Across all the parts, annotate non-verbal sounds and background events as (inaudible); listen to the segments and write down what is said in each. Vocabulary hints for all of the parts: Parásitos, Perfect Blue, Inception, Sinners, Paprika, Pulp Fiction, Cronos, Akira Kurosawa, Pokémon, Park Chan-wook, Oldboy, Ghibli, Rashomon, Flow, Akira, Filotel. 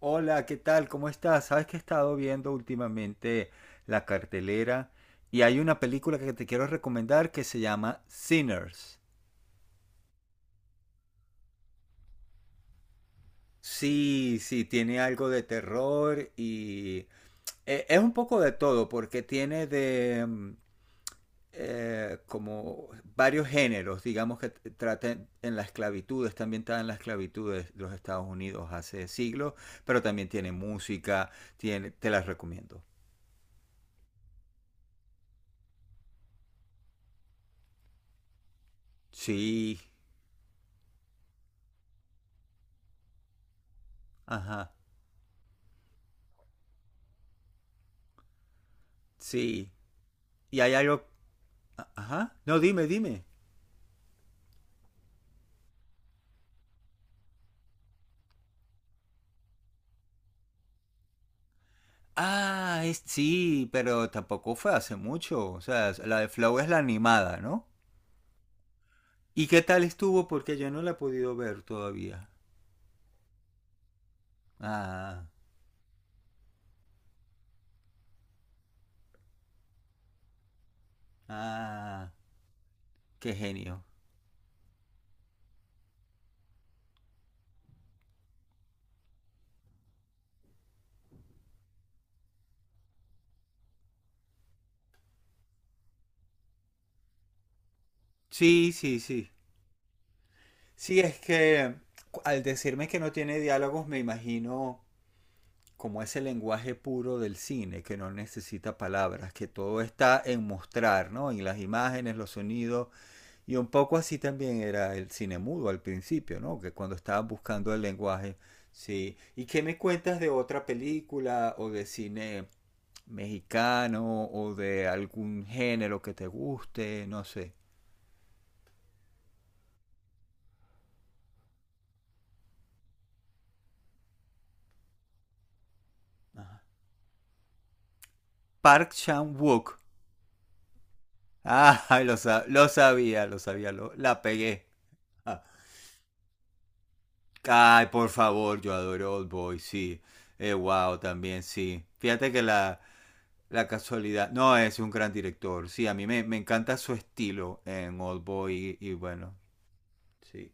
Hola, ¿qué tal? ¿Cómo estás? Sabes que he estado viendo últimamente la cartelera y hay una película que te quiero recomendar que se llama Sinners. Sí, sí, tiene algo de terror y es un poco de todo porque tiene como varios géneros, digamos que trata en la esclavitud, está ambientada en la esclavitud de los Estados Unidos hace siglos, pero también tiene música, tiene, te las recomiendo. Sí, ajá. Sí. Y hay algo... Ajá. No, dime, dime. Ah, es... sí, pero tampoco fue hace mucho. O sea, la de Flow es la animada, ¿no? ¿Y qué tal estuvo? Porque yo no la he podido ver todavía. Ah, ah, qué genio. Sí, sí, sí. Sí, es que al decirme que no tiene diálogos, me imagino como ese lenguaje puro del cine, que no necesita palabras, que todo está en mostrar, ¿no? En las imágenes, los sonidos. Y un poco así también era el cine mudo al principio, ¿no? Que cuando estaban buscando el lenguaje, sí. ¿Y qué me cuentas de otra película o de cine mexicano o de algún género que te guste? No sé. Park Chan-wook. (laughs) Ah, lo sabía, la pegué. Ah. Ay, por favor, yo adoro Old Boy, sí. Wow, también sí. Fíjate que la casualidad. No, es un gran director. Sí, me encanta su estilo en Oldboy y bueno, sí.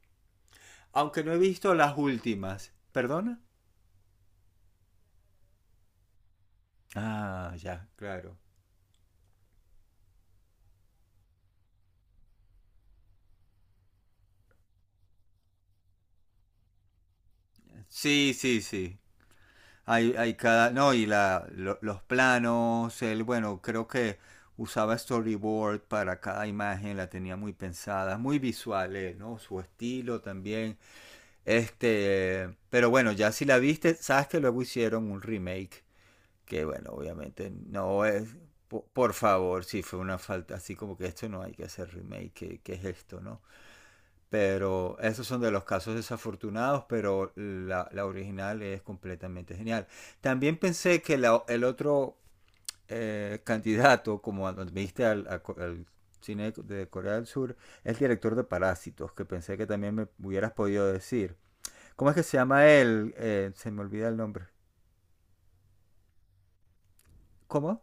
Aunque no he visto las últimas. ¿Perdona? Ah, ya, claro. Sí, sí, sí. Hay cada. No, los planos. Él, bueno, creo que usaba storyboard para cada imagen, la tenía muy pensada, muy visual, él, ¿no? Su estilo también. Este. Pero bueno, ya si la viste, sabes que luego hicieron un remake que bueno, obviamente no es, por favor, si fue una falta, así como que esto no hay que hacer remake, qué que es esto, ¿no? Pero esos son de los casos desafortunados, pero la original es completamente genial. También pensé que el otro candidato, como viste al cine de Corea del Sur, es el director de Parásitos, que pensé que también me hubieras podido decir. ¿Cómo es que se llama él? Se me olvida el nombre. ¿Cómo?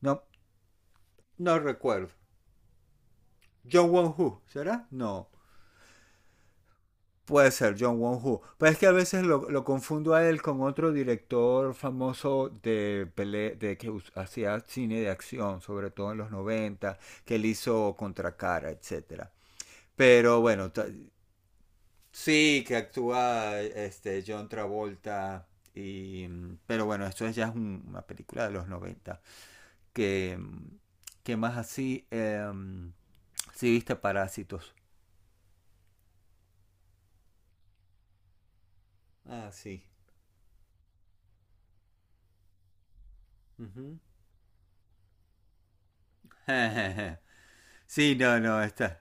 No, no recuerdo. John Won-Hu, ¿será? No. Puede ser John Won-Hu. Pero es que a veces lo confundo a él con otro director famoso de, pele de que hacía cine de acción, sobre todo en los 90, que él hizo contra cara, etcétera. Pero bueno, sí, que actúa este, John Travolta. Y, pero bueno, esto ya es una película de los noventa. Que, que más así, sí, viste Parásitos. Ah, sí. Ujú. (laughs) Sí, no, no, está.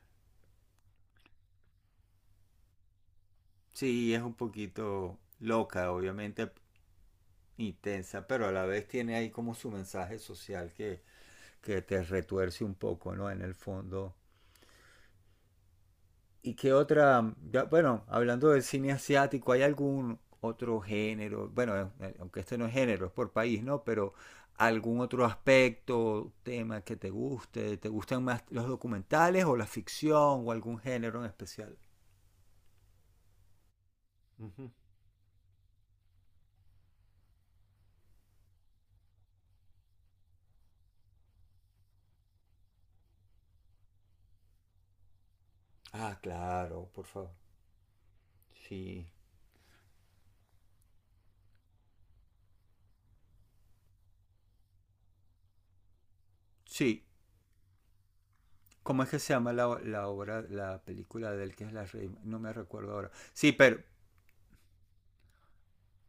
Sí, es un poquito loca, obviamente intensa, pero a la vez tiene ahí como su mensaje social que te retuerce un poco, ¿no? En el fondo. ¿Y qué otra? Ya, bueno, hablando del cine asiático, ¿hay algún otro género? Bueno, aunque este no es género, es por país, ¿no? Pero algún otro aspecto, tema que te guste, ¿te gustan más los documentales o la ficción o algún género en especial? Ah, claro, por favor. Sí. Sí. ¿Cómo es que se llama la, la obra, la película de él que es la rey? No me recuerdo ahora. Sí, pero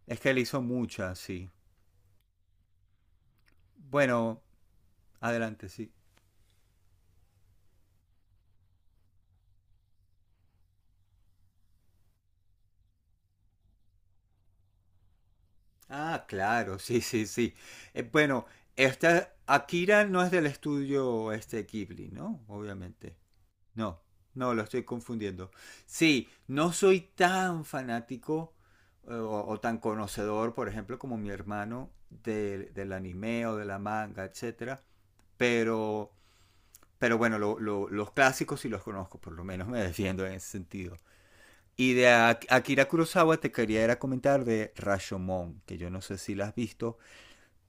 es que él hizo muchas, sí. Bueno, adelante, sí. Ah, claro, sí, sí, sí. Bueno, esta Akira no es del estudio este Ghibli, ¿no? Obviamente. No, no, lo estoy confundiendo. Sí, no soy tan fanático o tan conocedor, por ejemplo, como mi hermano del anime o de la manga, etcétera, pero, pero bueno, los clásicos sí los conozco, por lo menos me defiendo en ese sentido. Y de Akira Kurosawa te quería era comentar de Rashomon, que yo no sé si la has visto,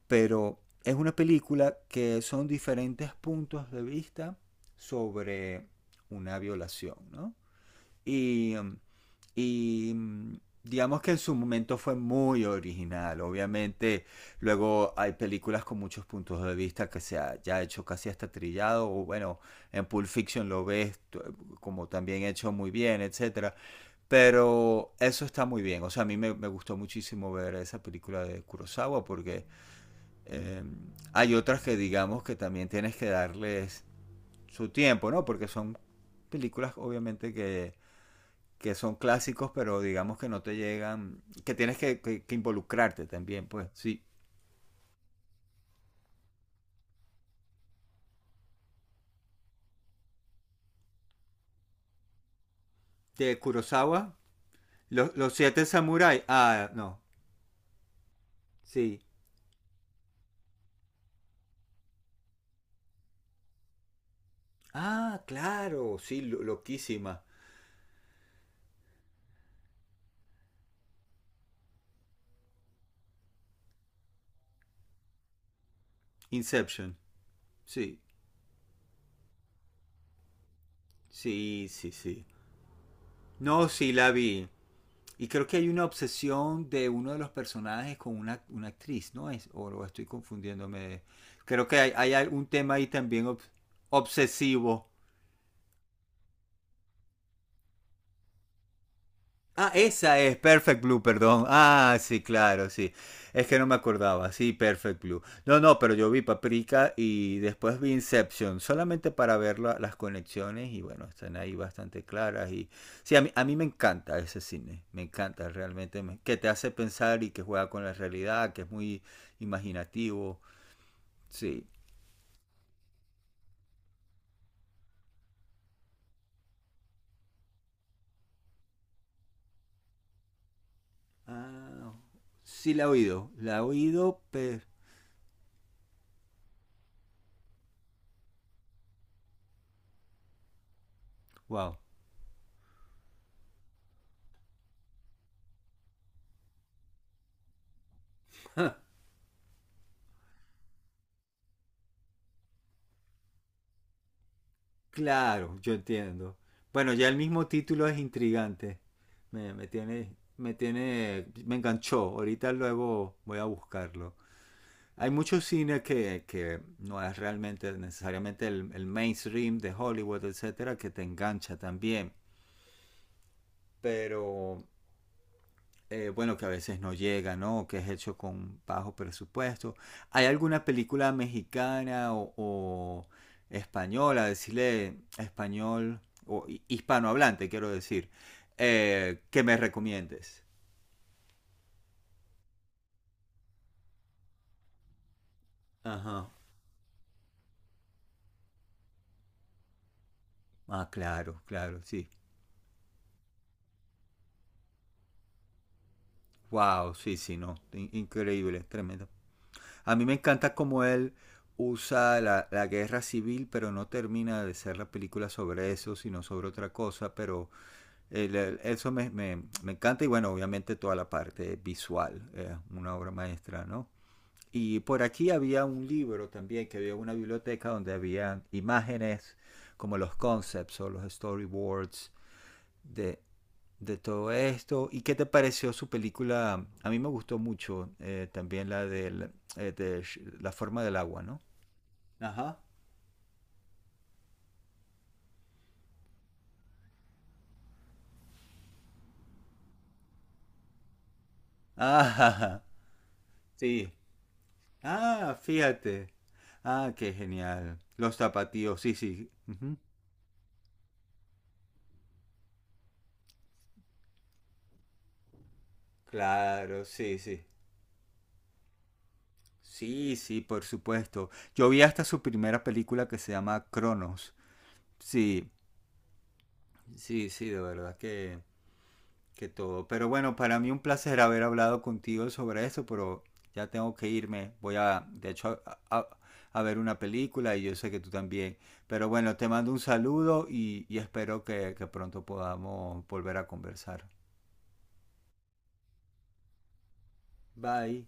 pero es una película que son diferentes puntos de vista sobre una violación, ¿no? Y, mm, y mm, digamos que en su momento fue muy original. Obviamente, luego hay películas con muchos puntos de vista que se ha ya hecho casi hasta trillado. O bueno, en Pulp Fiction lo ves como también hecho muy bien, etcétera. Pero eso está muy bien. O sea, me gustó muchísimo ver esa película de Kurosawa porque eh, hay otras que digamos que también tienes que darles su tiempo, ¿no? Porque son películas obviamente que son clásicos, pero digamos que no te llegan, que tienes que, que involucrarte también, pues. Sí. De Kurosawa, siete samuráis. Ah, no. Sí. Ah, claro, sí, loquísima. Inception. Sí, sí, sí, sí. No, sí, la vi. Y creo que hay una obsesión de uno de los personajes con una actriz, ¿no es? O lo estoy confundiéndome. Creo que hay un tema ahí también obsesivo. Ah, esa es Perfect Blue, perdón. Ah, sí, claro, sí. Es que no me acordaba. Sí, Perfect Blue. No, no, pero yo vi Paprika y después vi Inception, solamente para ver las conexiones y bueno, están ahí bastante claras. Y sí, a mí me encanta ese cine, me encanta realmente, que te hace pensar y que juega con la realidad, que es muy imaginativo. Sí. Ah, sí, la he oído, pero... Wow. (laughs) Claro, yo entiendo. Bueno, ya el mismo título es intrigante. Me tiene, me enganchó. Ahorita luego voy a buscarlo. Hay mucho cine que no es realmente necesariamente el mainstream de Hollywood, etcétera, que te engancha también. Pero bueno, que a veces no llega, ¿no? O que es hecho con bajo presupuesto. ¿Hay alguna película mexicana o española, decirle español o hispanohablante, quiero decir, que me recomiendes? Ajá. Ah, claro, claro, sí. Wow, sí, sí, no. In- increíble, tremendo. A mí me encanta cómo él usa la, la guerra civil, pero no termina de ser la película sobre eso, sino sobre otra cosa, pero eso me encanta y bueno, obviamente toda la parte visual, una obra maestra, ¿no? Y por aquí había un libro también, que había una biblioteca donde había imágenes como los concepts o los storyboards de, de todo esto. ¿Y qué te pareció su película? A mí me gustó mucho de La forma del agua, ¿no? Ajá. Ajá. (laughs) Sí. Ah, fíjate. Ah, qué genial. Los zapatillos, sí, sí. Ujú. Claro, sí, sí. Sí, sí, por supuesto. Yo vi hasta su primera película que se llama Cronos. Sí, sí, sí, de verdad que todo. Pero bueno, para mí un placer haber hablado contigo sobre eso, pero ya tengo que irme. Voy a, de hecho, a ver una película y yo sé que tú también. Pero bueno, te mando un saludo y espero que pronto podamos volver a conversar. Bye.